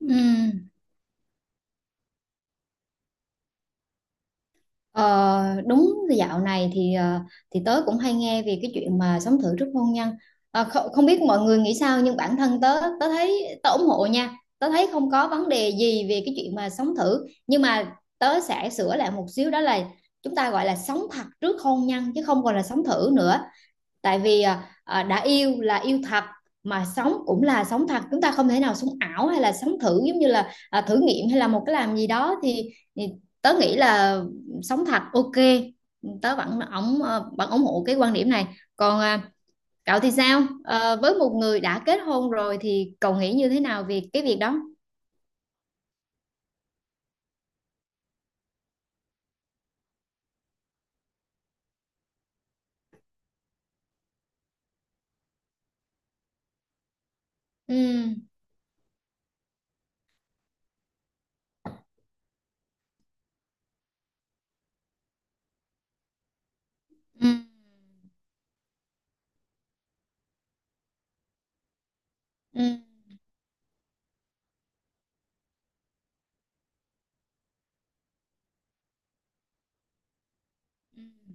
Ừ. Ờ, Đúng, dạo này thì tớ cũng hay nghe về cái chuyện mà sống thử trước hôn nhân. Không biết mọi người nghĩ sao, nhưng bản thân tớ tớ thấy tớ ủng hộ nha, tớ thấy không có vấn đề gì về cái chuyện mà sống thử. Nhưng mà tớ sẽ sửa lại một xíu, đó là chúng ta gọi là sống thật trước hôn nhân chứ không còn là sống thử nữa. Tại vì đã yêu là yêu thật mà sống cũng là sống thật, chúng ta không thể nào sống ảo hay là sống thử giống như là thử nghiệm hay là một cái làm gì đó. Thì tớ nghĩ là sống thật, ok, tớ vẫn ủng hộ cái quan điểm này. Còn cậu thì sao? Ờ, với một người đã kết hôn rồi thì cậu nghĩ như thế nào về cái việc đó? Ừ, ừ, ừ, ừ,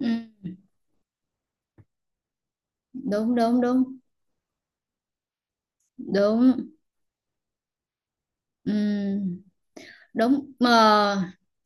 ừ. Đúng, đúng, đúng, đúng. Ừ, đúng mà,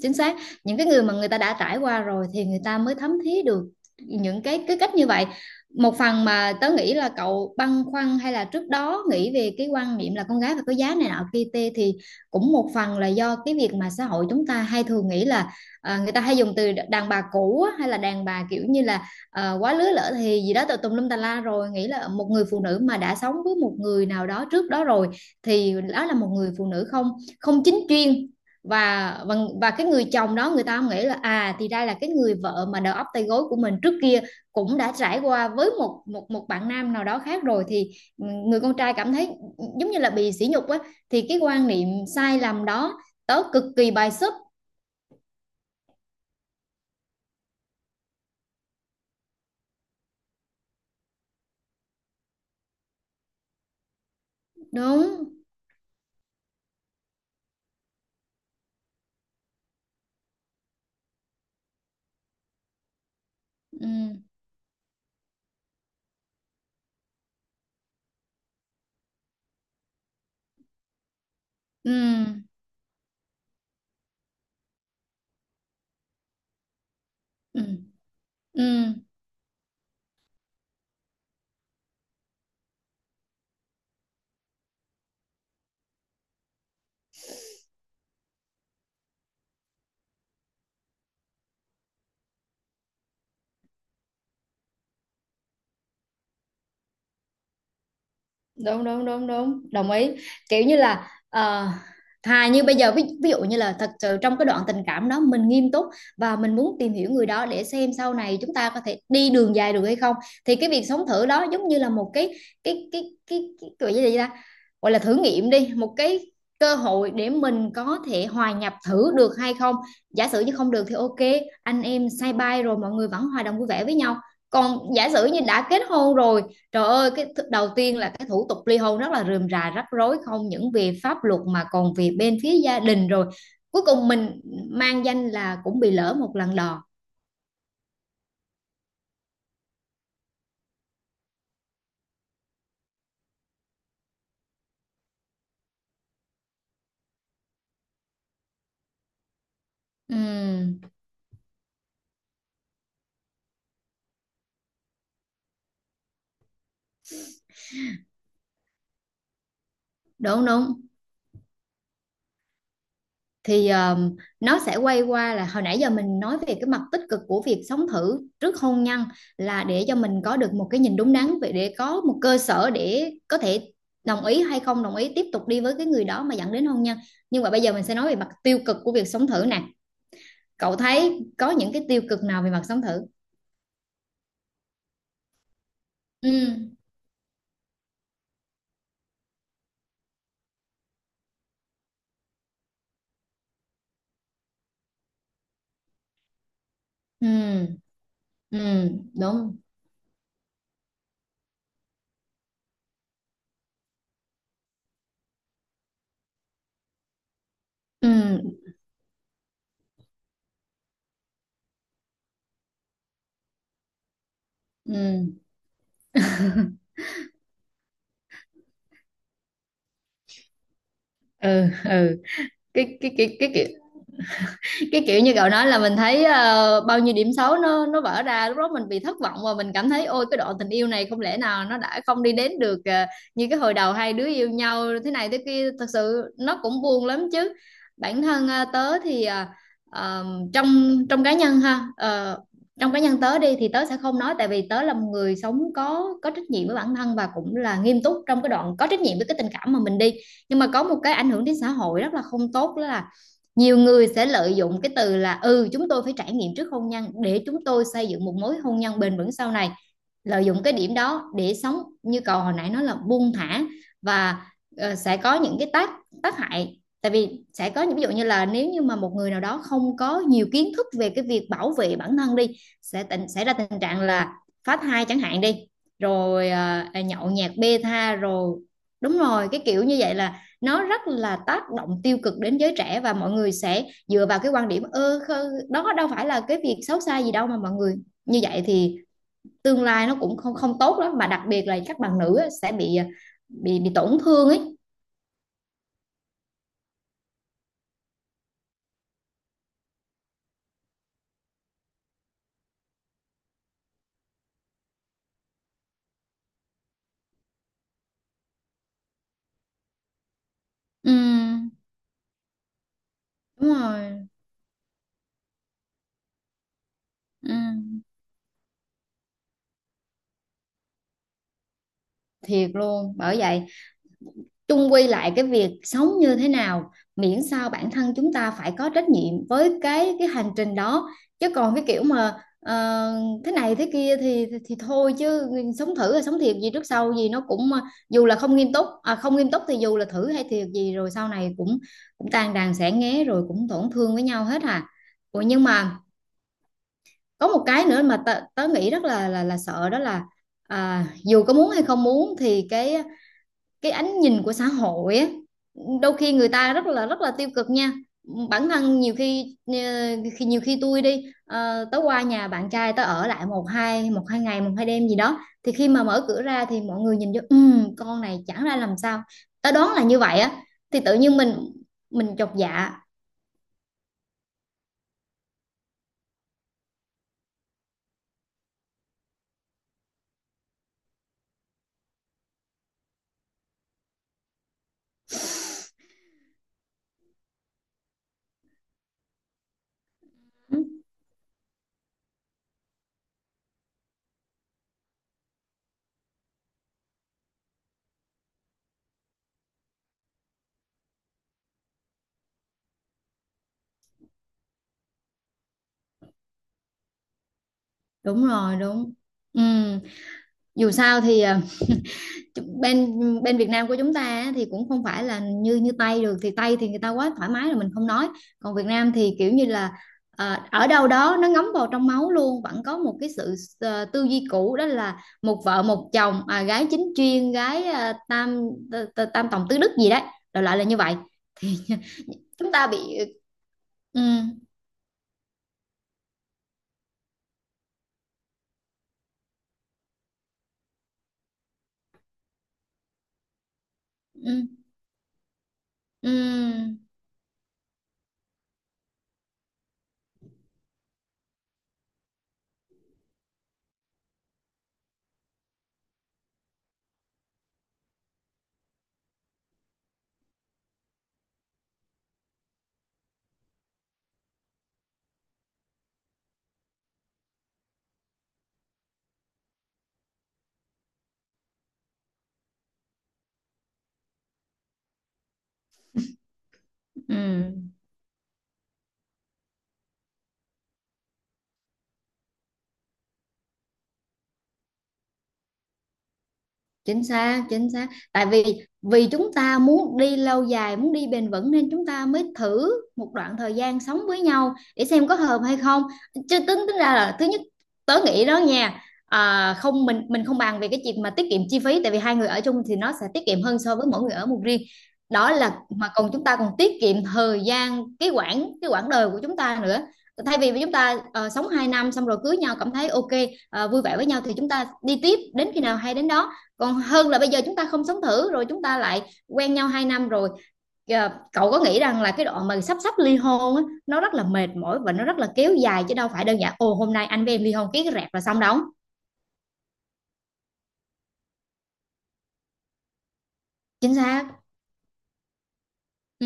chính xác. Những cái người mà người ta đã trải qua rồi thì người ta mới thấm thía được những cái cách như vậy. Một phần mà tớ nghĩ là cậu băn khoăn, hay là trước đó nghĩ về cái quan niệm là con gái phải có giá này nọ kia tê, thì cũng một phần là do cái việc mà xã hội chúng ta hay thường nghĩ là người ta hay dùng từ đàn bà cũ á, hay là đàn bà kiểu như là quá lứa lỡ thì gì đó tùm tùm lum tà la. Rồi nghĩ là một người phụ nữ mà đã sống với một người nào đó trước đó rồi thì đó là một người phụ nữ không không chính chuyên. Và và và cái người chồng đó, người ta nghĩ là à, thì đây là cái người vợ mà đầu óc tay gối của mình, trước kia cũng đã trải qua với một một một bạn nam nào đó khác rồi, thì ừ, người con trai cảm thấy ừ, giống như là bị sỉ nhục á. Thì cái quan niệm sai lầm đó tớ cực kỳ bài xích. Đúng. Ừ. Ừ. Ừ. Ừ. Đúng, đúng, đúng, đúng, đồng ý. Kiểu như là, thà như bây giờ, ví dụ như là thật sự trong cái đoạn tình cảm đó mình nghiêm túc và mình muốn tìm hiểu người đó để xem sau này chúng ta có thể đi đường dài được hay không, thì cái việc sống thử đó giống như là một cái gọi là gì ta, gọi là thử nghiệm đi, một cái cơ hội để mình có thể hòa nhập thử được hay không. Giả sử như không được thì ok, anh em say bay rồi mọi người vẫn hòa đồng vui vẻ với nhau. Còn giả sử như đã kết hôn rồi, trời ơi, đầu tiên là cái thủ tục ly hôn rất là rườm rà rắc rối, không những vì pháp luật mà còn vì bên phía gia đình rồi. Cuối cùng mình mang danh là cũng bị lỡ một lần đò. Ừm, đúng, đúng. Thì nó sẽ quay qua là hồi nãy giờ mình nói về cái mặt tích cực của việc sống thử trước hôn nhân, là để cho mình có được một cái nhìn đúng đắn, về để có một cơ sở để có thể đồng ý hay không đồng ý tiếp tục đi với cái người đó mà dẫn đến hôn nhân. Nhưng mà bây giờ mình sẽ nói về mặt tiêu cực của việc sống thử nè. Cậu thấy có những cái tiêu cực nào về mặt sống thử? Ừ, ừ, ừ, đúng, ừ, ừ, ừ, ừ. Cái cái cái cái kiểu cái kiểu như cậu nói là mình thấy bao nhiêu điểm xấu nó vỡ ra, lúc đó mình bị thất vọng và mình cảm thấy ôi, cái đoạn tình yêu này không lẽ nào nó đã không đi đến được như cái hồi đầu hai đứa yêu nhau thế này thế kia. Thật sự nó cũng buồn lắm chứ. Bản thân tớ thì ờ, trong trong cá nhân ha, trong cá nhân tớ đi, thì tớ sẽ không nói, tại vì tớ là một người sống có trách nhiệm với bản thân và cũng là nghiêm túc trong cái đoạn có trách nhiệm với cái tình cảm mà mình đi. Nhưng mà có một cái ảnh hưởng đến xã hội rất là không tốt, đó là nhiều người sẽ lợi dụng cái từ là, ừ, chúng tôi phải trải nghiệm trước hôn nhân để chúng tôi xây dựng một mối hôn nhân bền vững sau này, lợi dụng cái điểm đó để sống, như cậu hồi nãy nói, là buông thả. Và sẽ có những cái tác tác hại. Tại vì sẽ có những ví dụ như là, nếu như mà một người nào đó không có nhiều kiến thức về cái việc bảo vệ bản thân đi, sẽ tình xảy ra tình trạng là phá thai chẳng hạn đi, rồi nhậu nhẹt bê tha rồi. Đúng rồi, cái kiểu như vậy là nó rất là tác động tiêu cực đến giới trẻ. Và mọi người sẽ dựa vào cái quan điểm ơ, đó đâu phải là cái việc xấu xa gì đâu mà mọi người như vậy, thì tương lai nó cũng không không tốt lắm. Mà đặc biệt là các bạn nữ á, sẽ bị bị tổn thương ấy. Ừ, đúng rồi, ừ. Thiệt luôn, bởi vậy chung quy lại, cái việc sống như thế nào, miễn sao bản thân chúng ta phải có trách nhiệm với cái hành trình đó. Chứ còn cái kiểu mà ờ, thế này thế kia thì thì thôi chứ. Sống thử hay sống thiệt gì, trước sau gì nó cũng dù là không nghiêm túc, không nghiêm túc thì dù là thử hay thiệt gì rồi sau này cũng cũng tan đàn xẻ nghé, rồi cũng tổn thương với nhau hết à. Ủa, nhưng mà có một cái nữa mà tớ nghĩ rất là sợ, đó là dù có muốn hay không muốn thì cái ánh nhìn của xã hội á, đôi khi người ta rất là tiêu cực nha. Bản thân nhiều khi khi nhiều khi tôi đi, tới qua nhà bạn trai, tới ở lại một hai, một hai ngày, một hai đêm gì đó, thì khi mà mở cửa ra thì mọi người nhìn vô con này chẳng ra làm sao", ta đoán là như vậy á. Thì tự nhiên mình chột dạ. Ừ, đúng rồi, đúng. Ừm, Dù sao thì, chứ bên bên Việt Nam của chúng ta á, thì cũng không phải là như như Tây được. Thì Tây thì người ta quá thoải mái rồi, mình không nói. Còn Việt Nam thì kiểu như là ở đâu đó nó ngấm vào trong máu luôn, vẫn có một cái sự tư duy cũ, đó là một vợ một chồng, gái chính chuyên, gái tam tòng tứ đức gì đấy, đại loại là như vậy. Chúng ta bị. Ừ, ừ, ừ, ừ. Ừ. Chính xác, chính xác. Tại vì, vì chúng ta muốn đi lâu dài muốn đi bền vững, nên chúng ta mới thử một đoạn thời gian sống với nhau để xem có hợp hay không. Chứ tính tính ra là thứ nhất, tớ nghĩ đó nha, không, mình không bàn về cái chuyện mà tiết kiệm chi phí, tại vì hai người ở chung thì nó sẽ tiết kiệm hơn so với mỗi người ở một riêng. Đó, là mà còn chúng ta còn tiết kiệm thời gian, cái quãng đời của chúng ta nữa. Thay vì chúng ta sống 2 năm xong rồi cưới nhau, cảm thấy ok, vui vẻ với nhau thì chúng ta đi tiếp đến khi nào hay đến đó. Còn hơn là bây giờ chúng ta không sống thử, rồi chúng ta lại quen nhau 2 năm rồi. Cậu có nghĩ rằng là cái đoạn mà sắp sắp ly hôn á, nó rất là mệt mỏi và nó rất là kéo dài, chứ đâu phải đơn giản ồ hôm nay anh với em ly hôn, ký cái rẹp là xong đâu. Chính xác, ừ,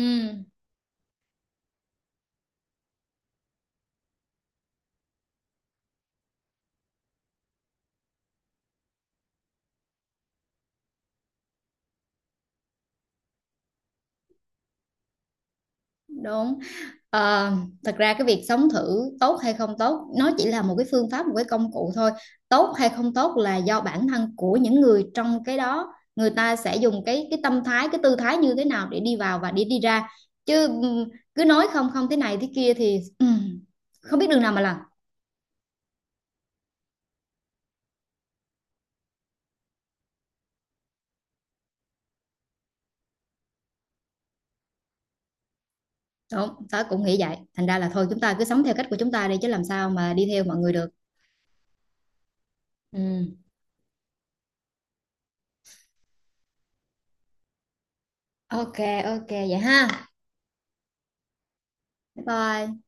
đúng. Ờ, Thật ra cái việc sống thử tốt hay không tốt, nó chỉ là một cái phương pháp, một cái công cụ thôi. Tốt hay không tốt là do bản thân của những người trong cái đó, người ta sẽ dùng cái tâm thái, cái tư thái như thế nào để đi vào và để đi ra. Chứ cứ nói không không thế này thế kia thì không biết đường nào mà làm. Đúng, tớ cũng nghĩ vậy, thành ra là thôi chúng ta cứ sống theo cách của chúng ta đi, chứ làm sao mà đi theo mọi người được? Ừm, ok, ok vậy ha, bye bye.